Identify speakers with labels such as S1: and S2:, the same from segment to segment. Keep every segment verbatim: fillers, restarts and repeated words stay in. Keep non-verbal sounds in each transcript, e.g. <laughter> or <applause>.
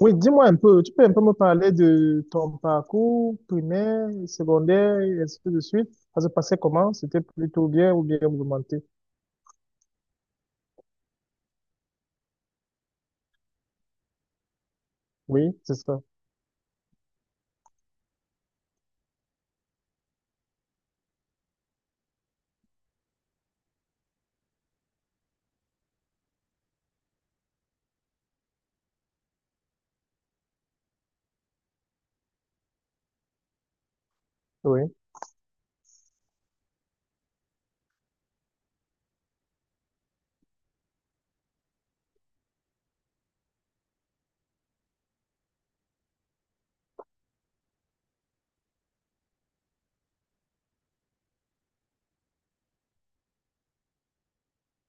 S1: Oui, dis-moi un peu, tu peux un peu me parler de ton parcours primaire, secondaire, et ainsi de suite. Ça se passait comment? C'était plutôt bien ou bien mouvementé? Oui, c'est ça. Oui,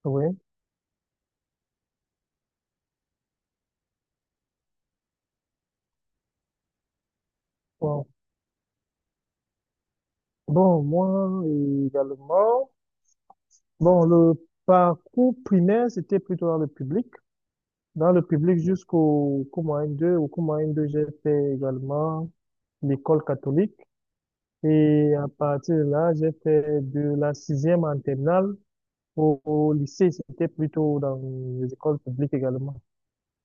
S1: oui. Bon, Bon, moi également. Bon, le parcours primaire, c'était plutôt dans le public. Dans le public jusqu'au cours moyen deux. Au cours moyen deux, j'ai fait également l'école catholique. Et à partir de là, j'ai fait de la sixième en terminale. Au, au lycée, c'était plutôt dans les écoles publiques également.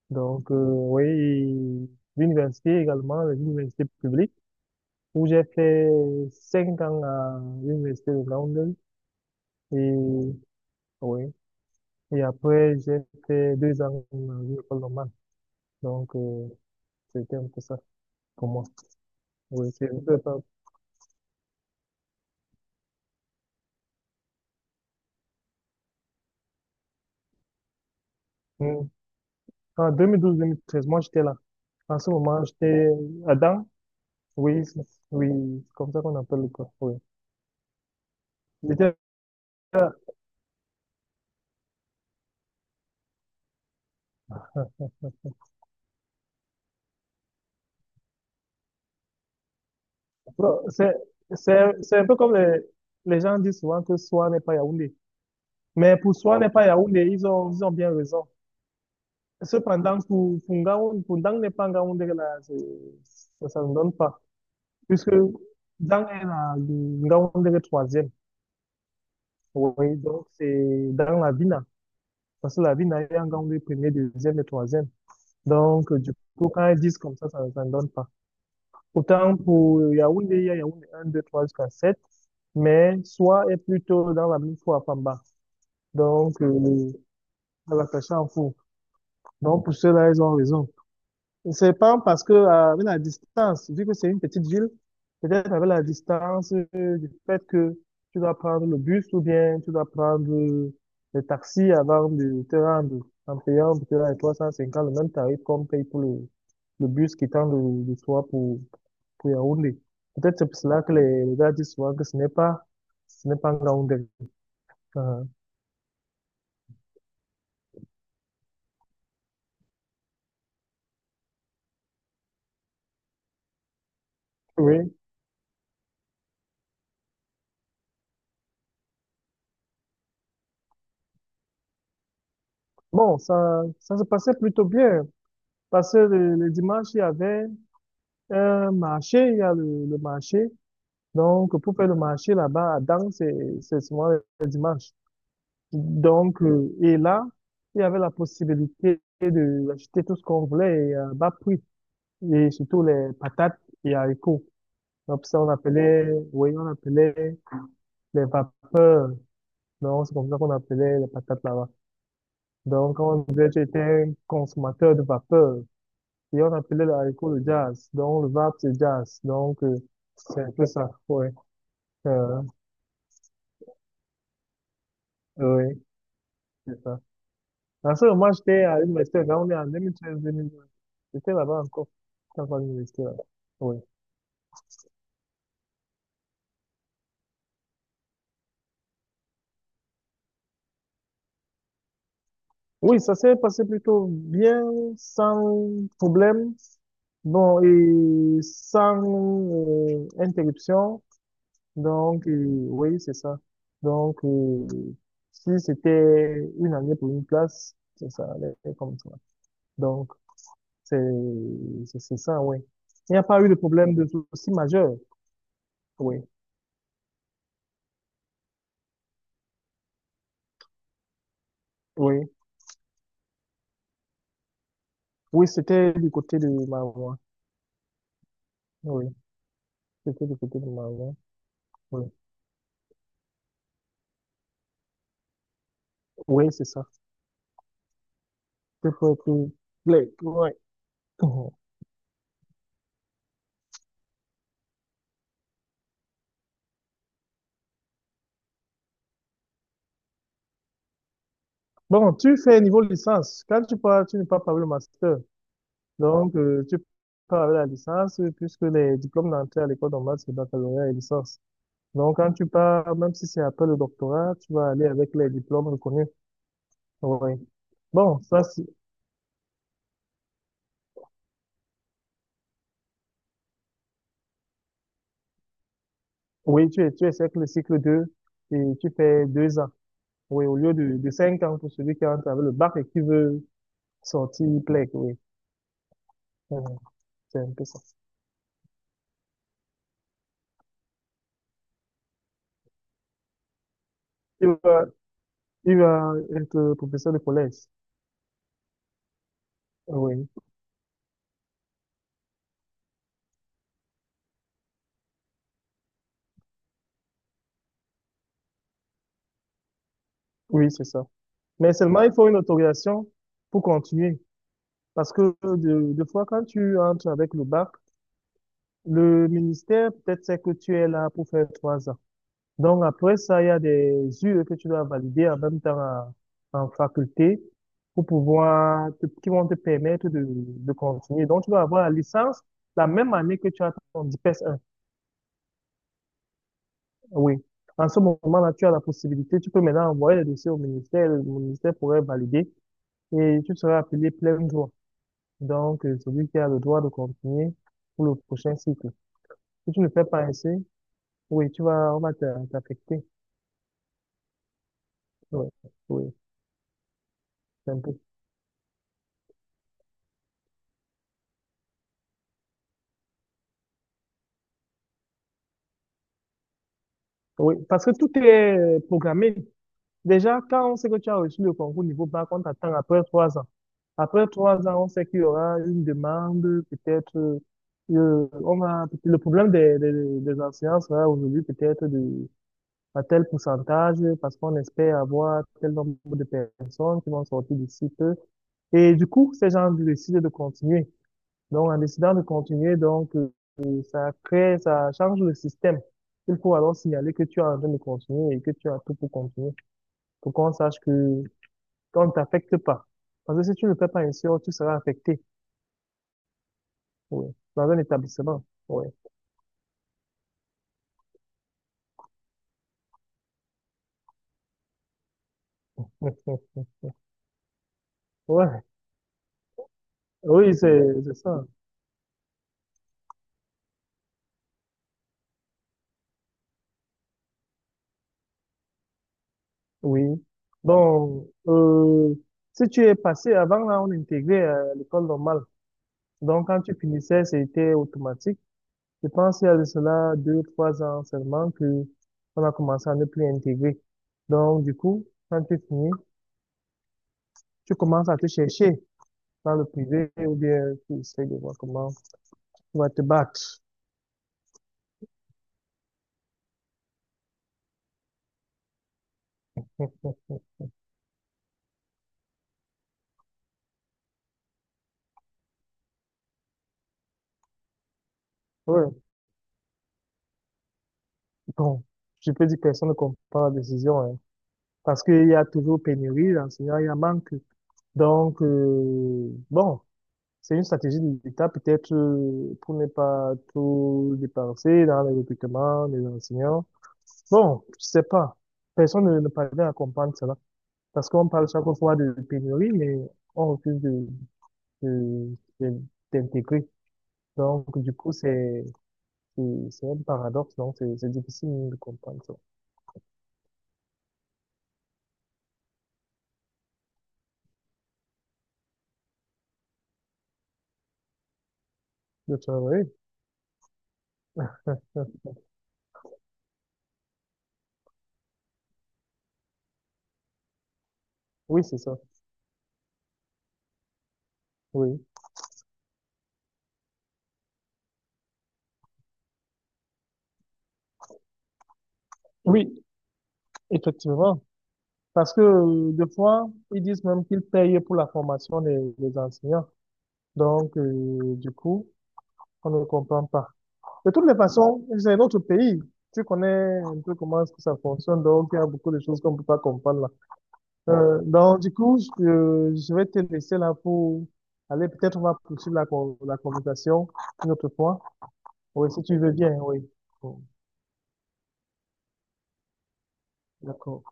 S1: Donc, euh, oui, l'université également, les universités publiques où j'ai fait cinq ans à l'université de Londres. Et, oui. Et après, j'ai fait deux ans à une école normale. Donc, euh, c'était un peu ça pour moi. Oui, c'est un peu ça. Mm. En deux mille douze-deux mille treize, moi, j'étais là. En ce moment, j'étais à Dan. Oui, c'est- oui, c'est comme ça qu'on appelle le corps. Oui. J'étais Bon, C'est, c'est, c'est un peu comme les, les gens disent souvent que Soi n'est pas Yaoundé. Mais pour Soi n'est pas Yaoundé, ils ont, ils ont bien raison. Cependant, pour, pour Ngaoundé, pour Dang n'est pas Ngaoundé, là, c'est- ça, ça ne donne pas. Puisque Dang est la, Ngaoundé est troisième. Oui, donc c'est dans la Vina. Parce que la Vina est Ngaoundé premier, deuxième et troisième. Donc, du coup, quand ils disent comme ça, ça, ça ne donne pas. Autant pour Yaoundé, il y a Yaoundé un, deux, trois jusqu'à sept, mais Soa est plutôt dans la même fois à Pamba. Donc, euh, à la Cachanfou. Donc, pour cela, ils ont raison. C'est pas parce que, euh, avec la distance, vu que c'est une petite ville, peut-être avec la distance euh, du fait que tu dois prendre le bus ou bien tu dois prendre euh, le taxi avant de te rendre en payant peut-être à trois cent cinquante le même tarif qu'on paye pour le, le bus qui tend de, de Soa pour, pour Yaoundé. Peut-être c'est pour cela que les, les gars disent souvent que ce n'est pas, ce n'est pas Ngaoundé. Euh, oui. Bon, ça, ça se passait plutôt bien. Parce que le, le dimanche, il y avait un marché, il y a le, le marché. Donc, pour faire le marché là-bas, à Dang, c'est, c'est souvent le dimanche. Donc, euh, et là, il y avait la possibilité de acheter tout ce qu'on voulait et à bas prix. Et surtout les patates et haricots. Donc, ça, on appelait, oui, on appelait les vapeurs. Non, c'est comme ça qu'on appelait les patates là-bas. Donc, on disait que j'étais un consommateur de vapeur. Et on appelait le haricot le jazz. Donc, le vape, c'est jazz. Donc, euh, c'est un peu ça. Ouais. Euh, oui, c'est ça. En ce moment, j'étais à l'université. Là, on est en deux mille treize-deux mille douze. J'étais là-bas encore. J'étais encore à l'université là. Oui. Oui, ça s'est passé plutôt bien, sans problème. Bon, et sans euh, interruption. Donc, euh, oui, c'est ça. Donc, euh, si c'était une année pour une classe, ça, ça allait comme ça. Donc, c'est, c'est c'est ça, oui. Il n'y a pas eu de problème de souci majeur. Oui, oui. Oui, c'était du côté de ma maman. Oui, c'était du côté de ma maman. Oui, oui, c'est ça. C'est pour pour- pour- ouais. <laughs> Bon, tu fais niveau licence. Quand tu pars, tu ne pars pas par le master. Donc, euh, tu pars avec la licence, euh, puisque les diplômes d'entrée à l'école normale, c'est baccalauréat et licence. Donc, quand tu pars, même si c'est après le doctorat, tu vas aller avec les diplômes reconnus. Oui. Bon, ça, c'est- oui, tu, tu essaies que le cycle deux, et tu fais deux ans. Oui, au lieu de, de cinq ans pour celui qui entre avec le bac et qui veut sortir P L E C, oui. Mhm, c'est un peu ça. Il va, il va être professeur de collège. Oui, oui, c'est ça. Mais seulement, il faut une autorisation pour continuer. Parce que de- deux fois, quand tu entres avec le bac, le ministère, peut-être c'est que tu es là pour faire trois ans. Donc après ça, il y a des U E que tu dois valider en même temps à- en faculté pour pouvoir, te- qui vont te permettre de, de continuer. Donc tu dois avoir la licence la même année que tu as ton D P S un. Oui. En ce moment-là, tu as la possibilité, tu peux maintenant envoyer le dossier au ministère, le ministère pourrait valider et tu seras appelé plein droit. Donc euh, celui qui a le droit de continuer pour le prochain cycle. Si tu ne fais pas ainsi, oui, tu vas, on va t'a- t'affecter. Oui, oui, c'est un peu. Oui, parce que tout est programmé. Déjà, quand on sait que tu as reçu le concours niveau bac, on t'attend après trois ans. Après trois ans, on sait qu'il y aura une demande, peut-être, euh, euh, on va, le problème des, des, des enseignants sera aujourd'hui peut-être de, à tel pourcentage, parce qu'on espère avoir tel nombre de personnes qui vont sortir d'ici peu. Et du coup, ces gens décident de continuer. Donc, en décidant de continuer, donc, euh, euh, ça crée, ça change le système. Il faut alors signaler que tu es en train de continuer et que tu as tout pour continuer, pour qu'on sache que qu'on ne t'affecte pas. Parce que si tu ne le fais pas ainsi, oh, tu seras affecté, oui, dans un établissement, oui. <laughs> Ouais. Oui, c'est c'est ça, oui. Donc, euh, si tu es passé, avant là, on intégrait euh, l'école normale. Donc, quand tu finissais, c'était automatique. Je pense qu'il y a de cela deux, trois ans seulement que on a commencé à ne plus intégrer. Donc, du coup, quand tu finis, tu commences à te chercher dans le privé ou bien tu essaies de voir comment tu vas te battre. Ouais. Bon, je peux dire que personne ne comprend la décision, hein. Parce qu'il y a toujours pénurie d'enseignants, il y a manque. Donc, euh, bon. C'est une stratégie de l'État, peut-être, euh, pour ne pas tout dépenser dans les recrutements des enseignants. Bon, je sais pas. Personne ne, ne parvient à comprendre cela. Parce qu'on parle chaque fois de pénurie, mais on refuse de, de- de- d'intégrer. Donc, du coup, c'est, c'est c'est un paradoxe. Donc, c'est c'est difficile de comprendre ça. De travailler. Oui, c'est ça. Oui. Oui, effectivement. Parce que, euh, des fois, ils disent même qu'ils payent pour la formation des, des enseignants. Donc, euh, du coup, on ne comprend pas. De toutes les façons, c'est notre pays. Tu connais un peu comment est-ce que ça fonctionne, donc il y a beaucoup de choses qu'on ne peut pas comprendre là. Euh, donc, du coup, je, je vais te laisser là pour aller, peut-être on va poursuivre la, con- la conversation une autre fois. Oui, si tu veux bien, oui. Bon, d'accord.